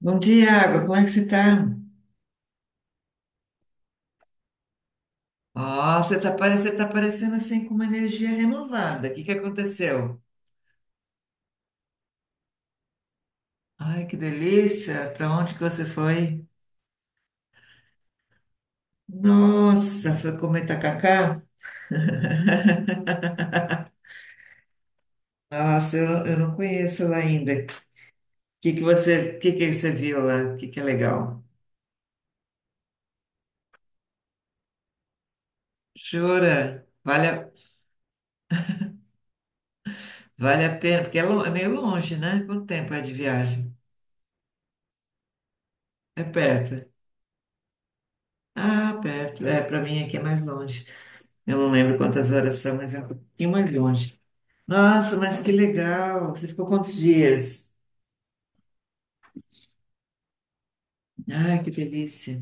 Bom dia, Água. Como é que você tá? Ó, você tá parecendo assim com uma energia renovada. O que que aconteceu? Ai, que delícia! Pra onde que você foi? Nossa, foi comer tacacá? Nossa, eu não conheço lá ainda. O que que você, o que que você viu lá? O que que é legal? Jura? Vale, vale a pena, porque é, é meio longe, né? Quanto tempo é de viagem? É perto. Ah, perto. É, pra mim aqui é mais longe. Eu não lembro quantas horas são, mas é um pouquinho mais longe. Nossa, mas que legal! Você ficou quantos dias? Ai, que delícia!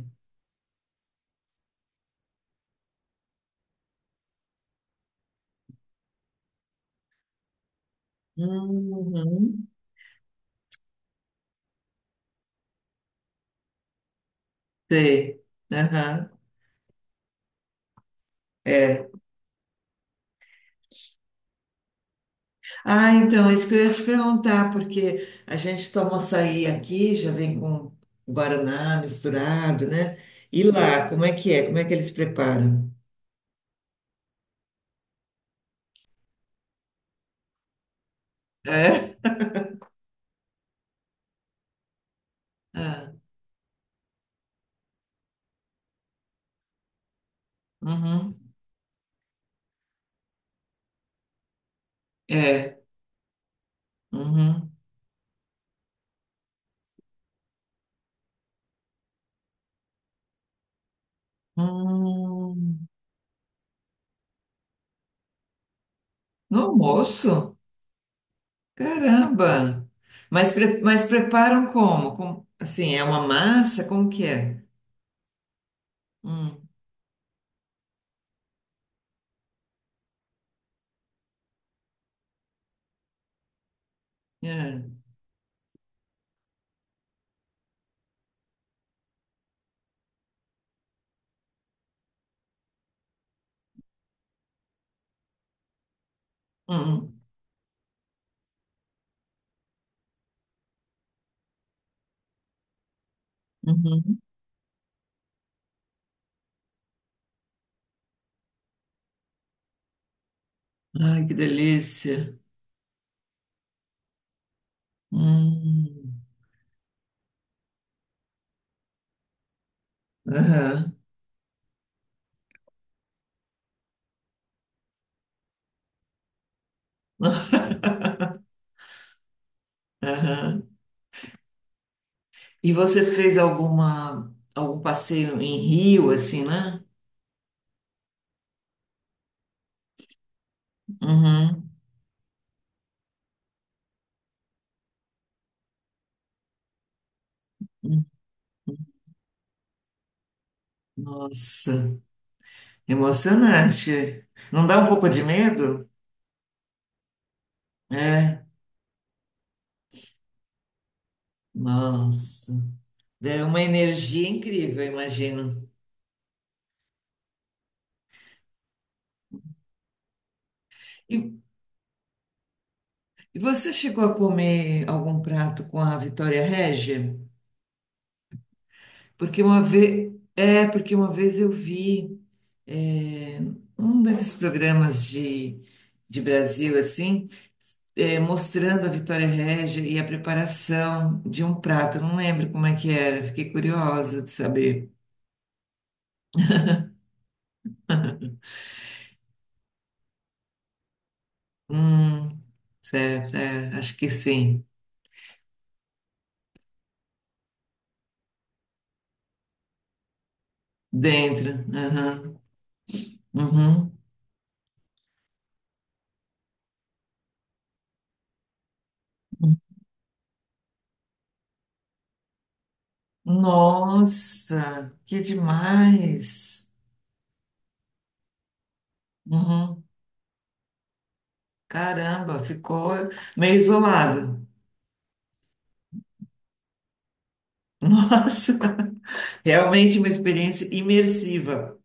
Uhum. Sei. Aham. É. Ah, então, é isso que eu ia te perguntar, porque a gente toma açaí aqui, já vem com guaraná misturado, né? E lá, como é que é? Como é que eles preparam? É? Ah, uhum. É. Uhum. Hum. No almoço? Caramba! Mas, mas preparam como? Assim, é uma massa? Como que é? Hum, é. Hum, hum, uhum. Ai, que delícia! Hum, aham, aham. E você fez alguma, algum passeio em Rio, assim, né? Uhum. Nossa, emocionante. Não dá um pouco de medo? É, nossa. Deu uma energia incrível, eu imagino. E, E você chegou a comer algum prato com a Vitória Régia? Porque uma vez, é, porque uma vez eu vi é, um desses programas de Brasil assim, é, mostrando a Vitória Régia e a preparação de um prato. Eu não lembro como é que era, fiquei curiosa de saber. Hum, certo, é, acho que sim. Dentro, aham, uhum. Nossa, que demais! Uhum. Caramba, ficou meio isolado. Nossa, realmente uma experiência imersiva.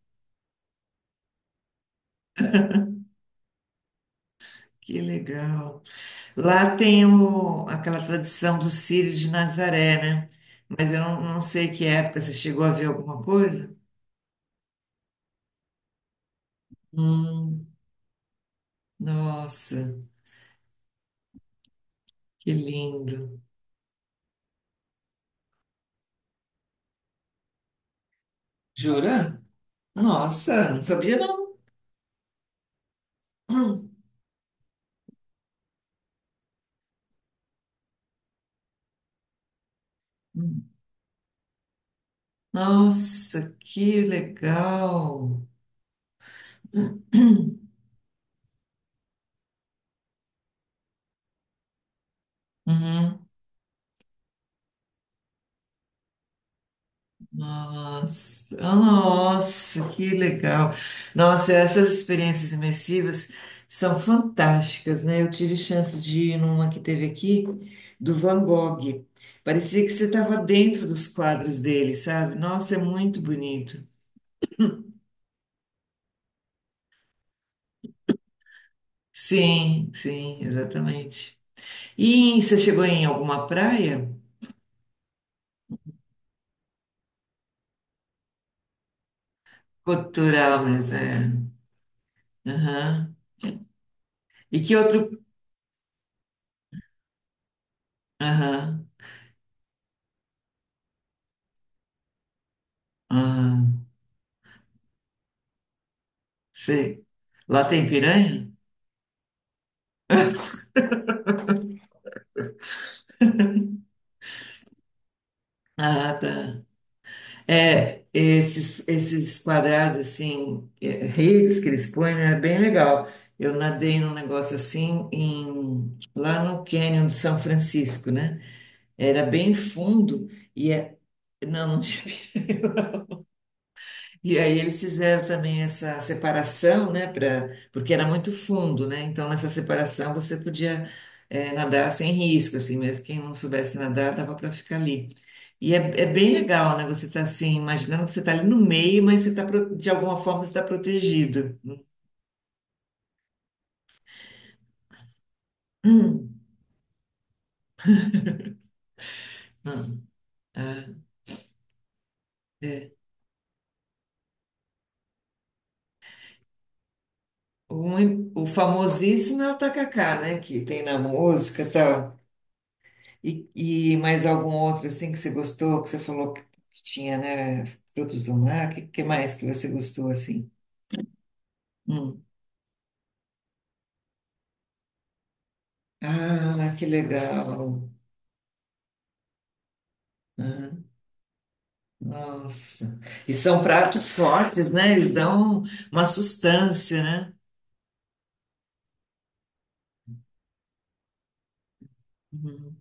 Que legal. Lá tem o, aquela tradição do Círio de Nazaré, né? Mas eu não, não sei que época você chegou a ver alguma coisa. Hum, nossa, que lindo. Jura? Nossa, não sabia não. Hum. Nossa, que legal. Uhum. Nossa, oh, nossa, que legal. Nossa, essas experiências imersivas são fantásticas, né? Eu tive chance de ir numa que teve aqui, do Van Gogh. Parecia que você estava dentro dos quadros dele, sabe? Nossa, é muito bonito. Sim, sim, exatamente. E você chegou em alguma praia? Cultural, mas é. Aham. E que outro. Aham. Aham. Sei. Lá tem piranha? Ah, tá. É, esses, esses quadrados assim, é, redes que eles põem, né, é bem legal. Eu nadei num negócio assim em, lá no Canyon do São Francisco, né? Era bem fundo e é, não, não tinha. E aí eles fizeram também essa separação, né, pra, porque era muito fundo, né? Então nessa separação você podia, nadar sem risco, assim, mesmo quem não soubesse nadar dava para ficar ali. E é, é bem legal, né? Você tá assim, imaginando que você tá ali no meio, mas você tá, de alguma forma você está protegido. Hum. Hum. Ah, o famosíssimo é o tacacá, né? Que tem na música e tal. E, e mais algum outro assim que você gostou, que você falou que tinha, né? Frutos do mar, o que, que mais que você gostou assim? Hum. Ah, que legal. Ah, nossa. E são pratos fortes, né? Eles dão uma sustância, né? Uhum.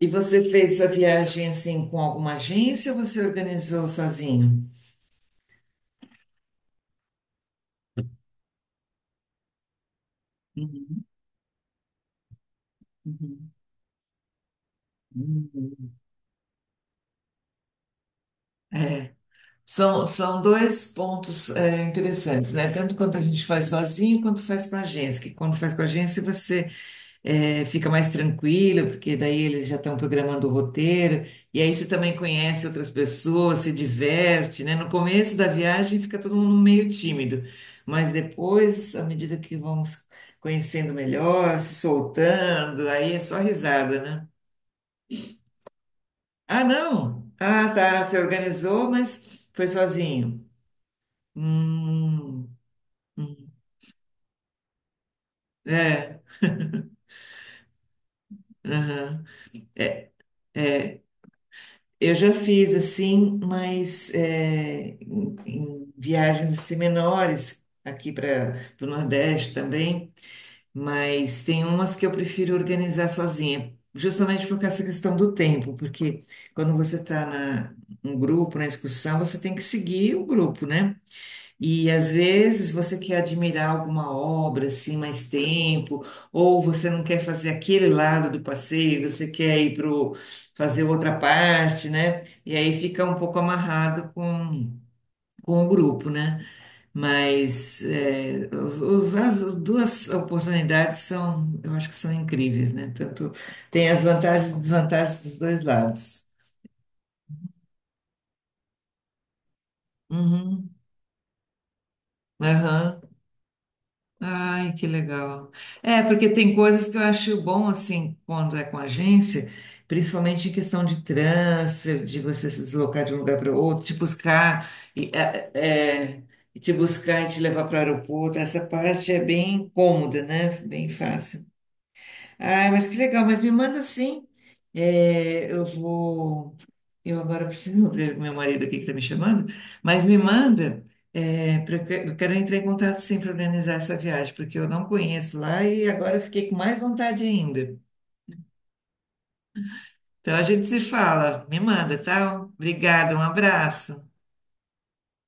E você fez essa viagem assim com alguma agência ou você organizou sozinho? Uhum, uhum, uhum. É. São, são dois pontos, é, interessantes, né? Tanto quanto a gente faz sozinho, quanto faz com a agência. Que quando faz com a agência, você, é, fica mais tranquila, porque daí eles já estão programando o roteiro, e aí você também conhece outras pessoas, se diverte, né? No começo da viagem fica todo mundo meio tímido, mas depois, à medida que vão se conhecendo melhor, se soltando, aí é só risada, né? Ah, não! Ah, tá, você organizou, mas foi sozinho. Hum. É, é. Eu já fiz assim, mas é, em, em viagens assim, menores aqui para o Nordeste também, mas tem umas que eu prefiro organizar sozinha, justamente por causa dessa questão do tempo, porque quando você está na um grupo, na excursão, você tem que seguir o grupo, né? E às vezes você quer admirar alguma obra assim mais tempo, ou você não quer fazer aquele lado do passeio, você quer ir para fazer outra parte, né? E aí fica um pouco amarrado com o grupo, né? Mas é, as, as duas oportunidades são, eu acho que são incríveis, né? Tanto tem as vantagens e desvantagens dos dois lados. Uhum. Aham. Ai, que legal. É, porque tem coisas que eu acho bom, assim, quando é com agência, principalmente em questão de transfer, de você se deslocar de um lugar para outro, te buscar e, é, é, é, e te buscar e te levar para o aeroporto. Essa parte é bem cômoda, né? Bem fácil. Ai, mas que legal, mas me manda sim. É, eu vou. Eu agora preciso ver com meu marido aqui que está me chamando, mas me manda, é, eu quero entrar em contato sim para organizar essa viagem, porque eu não conheço lá e agora eu fiquei com mais vontade ainda. Então a gente se fala, me manda, tá? Obrigada, um abraço.